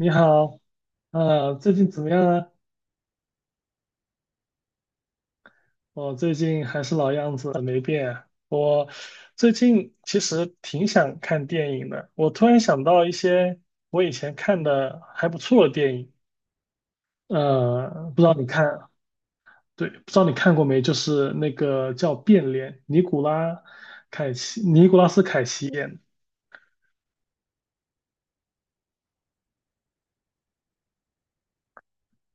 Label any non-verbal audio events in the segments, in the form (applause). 你好，啊，最近怎么样啊？我最近还是老样子，没变。我最近其实挺想看电影的，我突然想到一些我以前看的还不错的电影，不知道你看，对，不知道你看过没？就是那个叫《变脸》，尼古拉斯凯奇演的。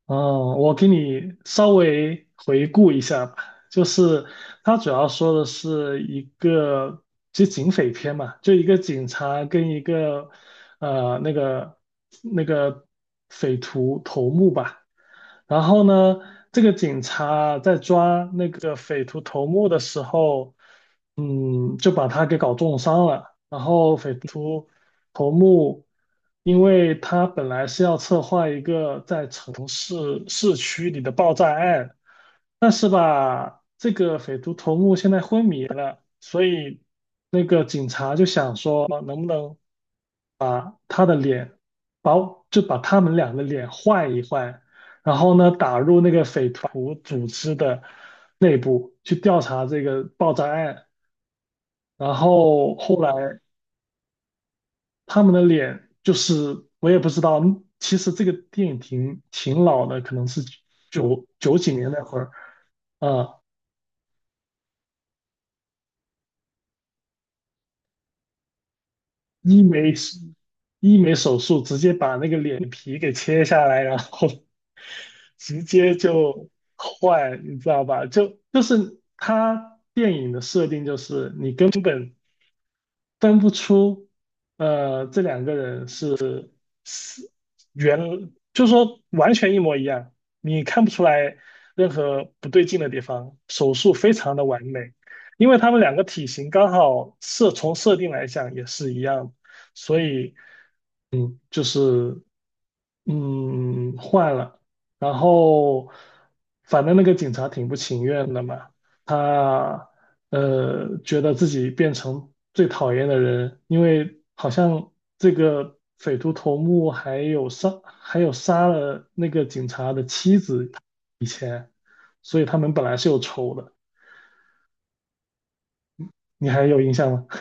哦，我给你稍微回顾一下吧，就是它主要说的是一个，就警匪片嘛，就一个警察跟一个呃那个那个匪徒头目吧，然后呢，这个警察在抓那个匪徒头目的时候，就把他给搞重伤了。然后匪徒头目，因为他本来是要策划一个在城市市区里的爆炸案，但是吧，这个匪徒头目现在昏迷了，所以那个警察就想说，啊能不能把他的脸，把就把他们俩的脸换一换，然后呢，打入那个匪徒组织的内部去调查这个爆炸案。然后后来他们的脸就是我也不知道，其实这个电影挺老的，可能是九九几年那会儿啊，医美医美手术直接把那个脸皮给切下来，然后直接就坏，你知道吧？就是他电影的设定就是你根本分不出这两个人。是。原就是说完全一模一样，你看不出来任何不对劲的地方，手术非常的完美，因为他们两个体型刚好从设定来讲也是一样，所以就是换了，然后反正那个警察挺不情愿的嘛，他觉得自己变成最讨厌的人，因为好像这个匪徒头目还有杀了那个警察的妻子，所以他们本来是有仇的，你还有印象吗？(laughs)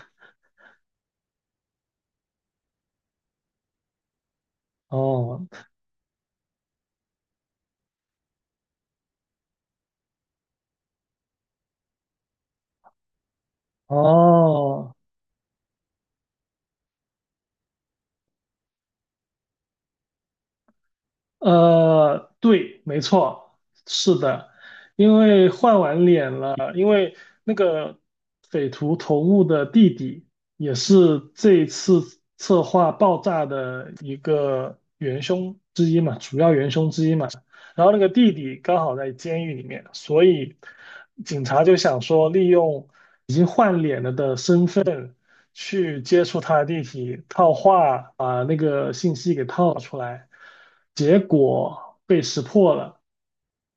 哦哦对，没错，是的，因为换完脸了，因为那个匪徒头目的弟弟也是这次策划爆炸的一个元凶之一嘛，主要元凶之一嘛。然后那个弟弟刚好在监狱里面，所以警察就想说利用已经换脸了的身份，去接触他的地体，套话把那个信息给套出来，结果被识破了。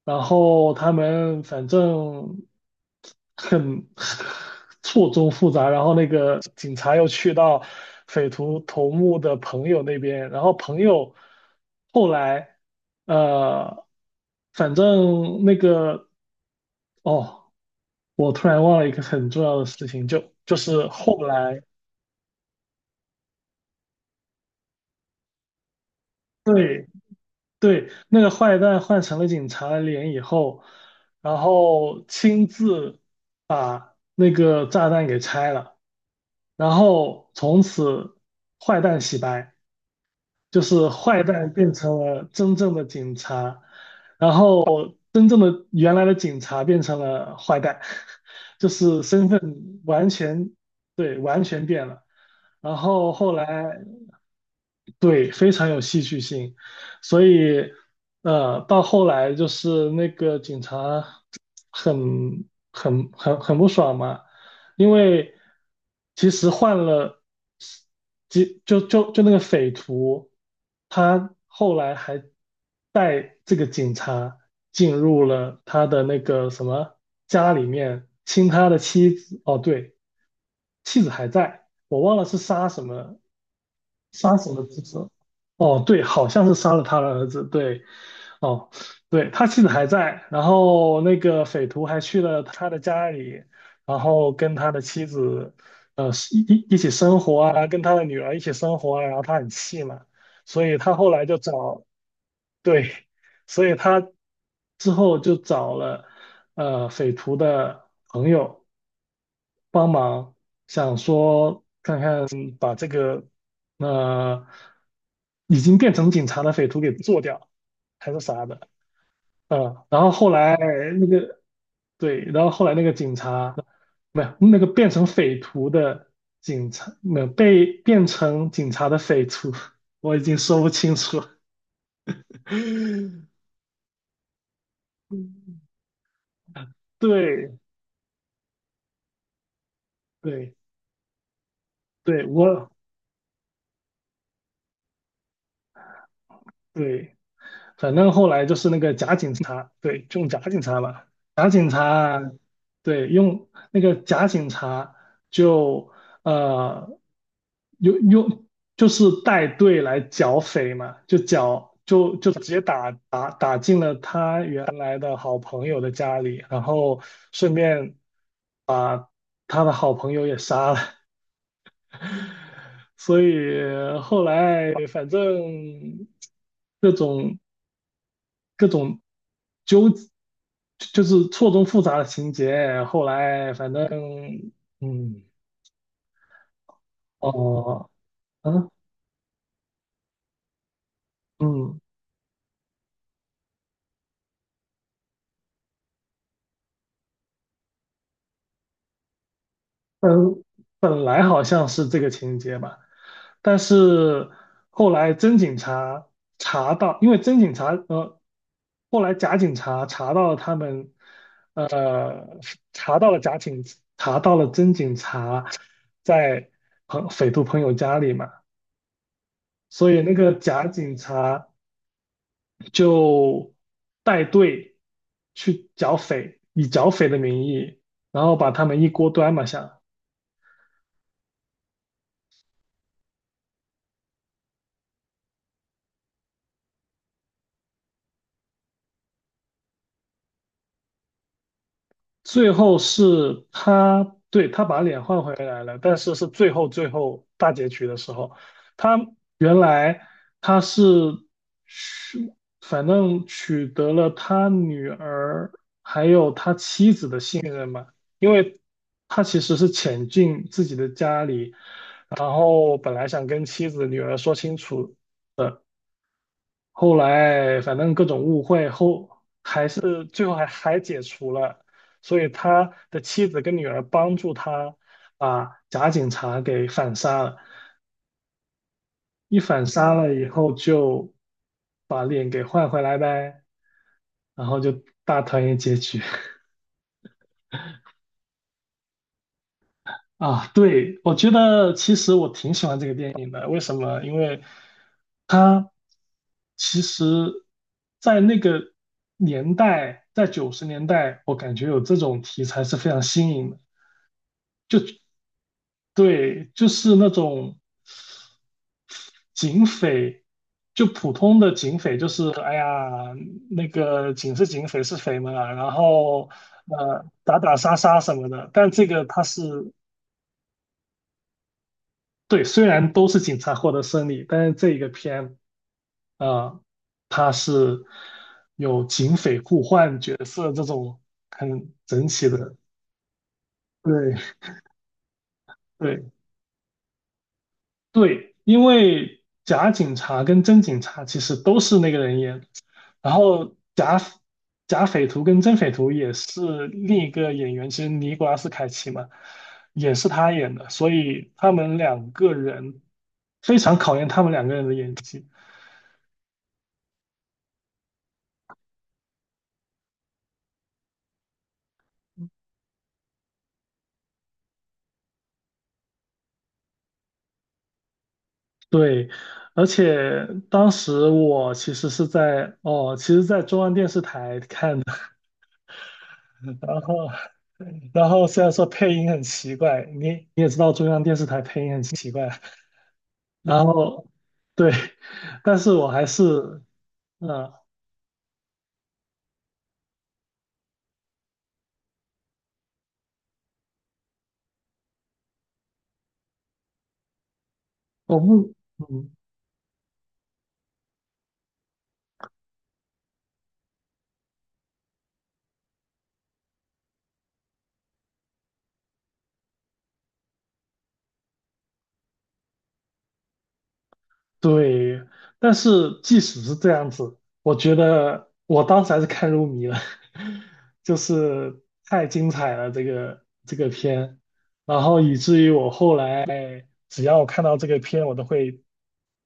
然后他们反正很 (laughs) 错综复杂，然后那个警察又去到匪徒头目的朋友那边，然后朋友后来呃，反正那个哦，我突然忘了一个很重要的事情，就是后来。对，对，那个坏蛋换成了警察的脸以后，然后亲自把那个炸弹给拆了，然后从此坏蛋洗白，就是坏蛋变成了真正的警察，然后真正的原来的警察变成了坏蛋，(laughs) 就是身份完全，对，完全变了。然后后来对，非常有戏剧性，所以，到后来就是那个警察很不爽嘛，因为其实换了，几就就就那个匪徒，他后来还带这个警察进入了他的那个什么家里面，亲他的妻子，哦，对，妻子还在，我忘了是杀什么杀死了侄子。哦，对，好像是杀了他的儿子。对，哦，对，他妻子还在，然后那个匪徒还去了他的家里，然后跟他的妻子，呃，一起生活啊，跟他的女儿一起生活啊，然后他很气嘛，所以他后来就找，对，所以他之后就找了，匪徒的朋友帮忙，想说把这个呃已经变成警察的匪徒给做掉，还是啥的，然后后来那个对，然后后来那个警察没有那个变成匪徒的警察，没有被变成警察的匪徒，(laughs) 我已经说不清楚了。(laughs) 对对对，我对。反正后来就是那个假警察，对，用假警察嘛，假警察，对，用那个假警察就呃用就是带队来剿匪嘛，就直接打进了他原来的好朋友的家里，然后顺便把他的好朋友也杀了，(laughs) 所以后来反正。各种各种纠，就是错综复杂的情节。后来反正，嗯，哦，嗯嗯，本本来好像是这个情节吧，但是后来真警察查到，因为真警察后来假警察查到了他们，呃，查到了假警，查到了真警察在匪徒朋友家里嘛。所以那个假警察就带队去剿匪，以剿匪的名义，然后把他们一锅端嘛下。最后是他，对，他把脸换回来了，但是最后最后大结局的时候，他原来他是取，反正取得了他女儿信任嘛，因为他其实是潜进自己的家里，然后本来想跟妻子女儿说清楚的。后来反正各种误会后，还是最后还解除了，所以他的妻子跟女儿帮助他把假警察给反杀了，一反杀了以后就把脸给换回来呗，然后就大团圆结局。(laughs) 啊，对，我觉得其实我挺喜欢这个电影的。为什么？因为它其实，在那个年代，在九十年代，我感觉有这种题材是非常新颖的。就对，就是那种警匪，就普通的警匪，就是哎呀，那个警是警，匪是匪嘛，然后打打杀杀什么的。但这个它是对，虽然都是警察获得胜利，但是这一个片。啊，他是有警匪互换角色这种很整体的，对 (laughs) 对对，因为假警察跟真警察其实都是那个人演的，然后假匪徒跟真匪徒也是另一个演员，其实尼古拉斯凯奇嘛，也是他演的，所以他们两个人非常考验他们两个人的演技。对，而且当时我其实是在哦，其实，在中央电视台看的，(laughs) 然后，然后，虽然说配音很奇怪，你也知道中央电视台配音很奇怪，然后对，但是我还是，呃，我不，嗯，对，但是即使是这样子，我觉得我当时还是看入迷了，(laughs) 就是太精彩了这个片，然后以至于我后来只要我看到这个片，我都会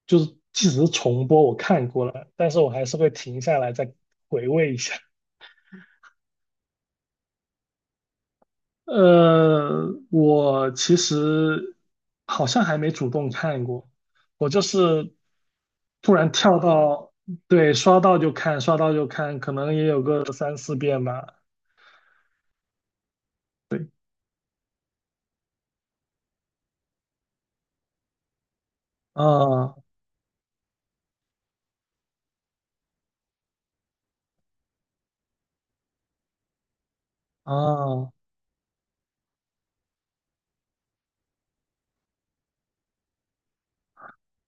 就是即使是重播我看过了，但是我还是会停下来再回味一下。我其实好像还没主动看过，我就是突然跳到，对，刷到就看，刷到就看，可能也有个三四遍吧。对，啊啊，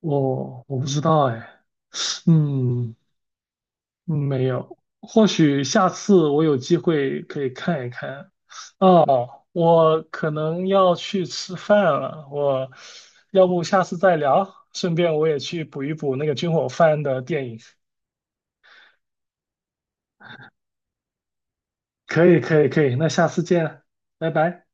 我不知道哎，嗯，没有，或许下次我有机会可以看一看。哦，我可能要去吃饭了，我要不下次再聊，顺便我也去补一补那个军火贩的电影。可以，可以，可以，那下次见，拜拜。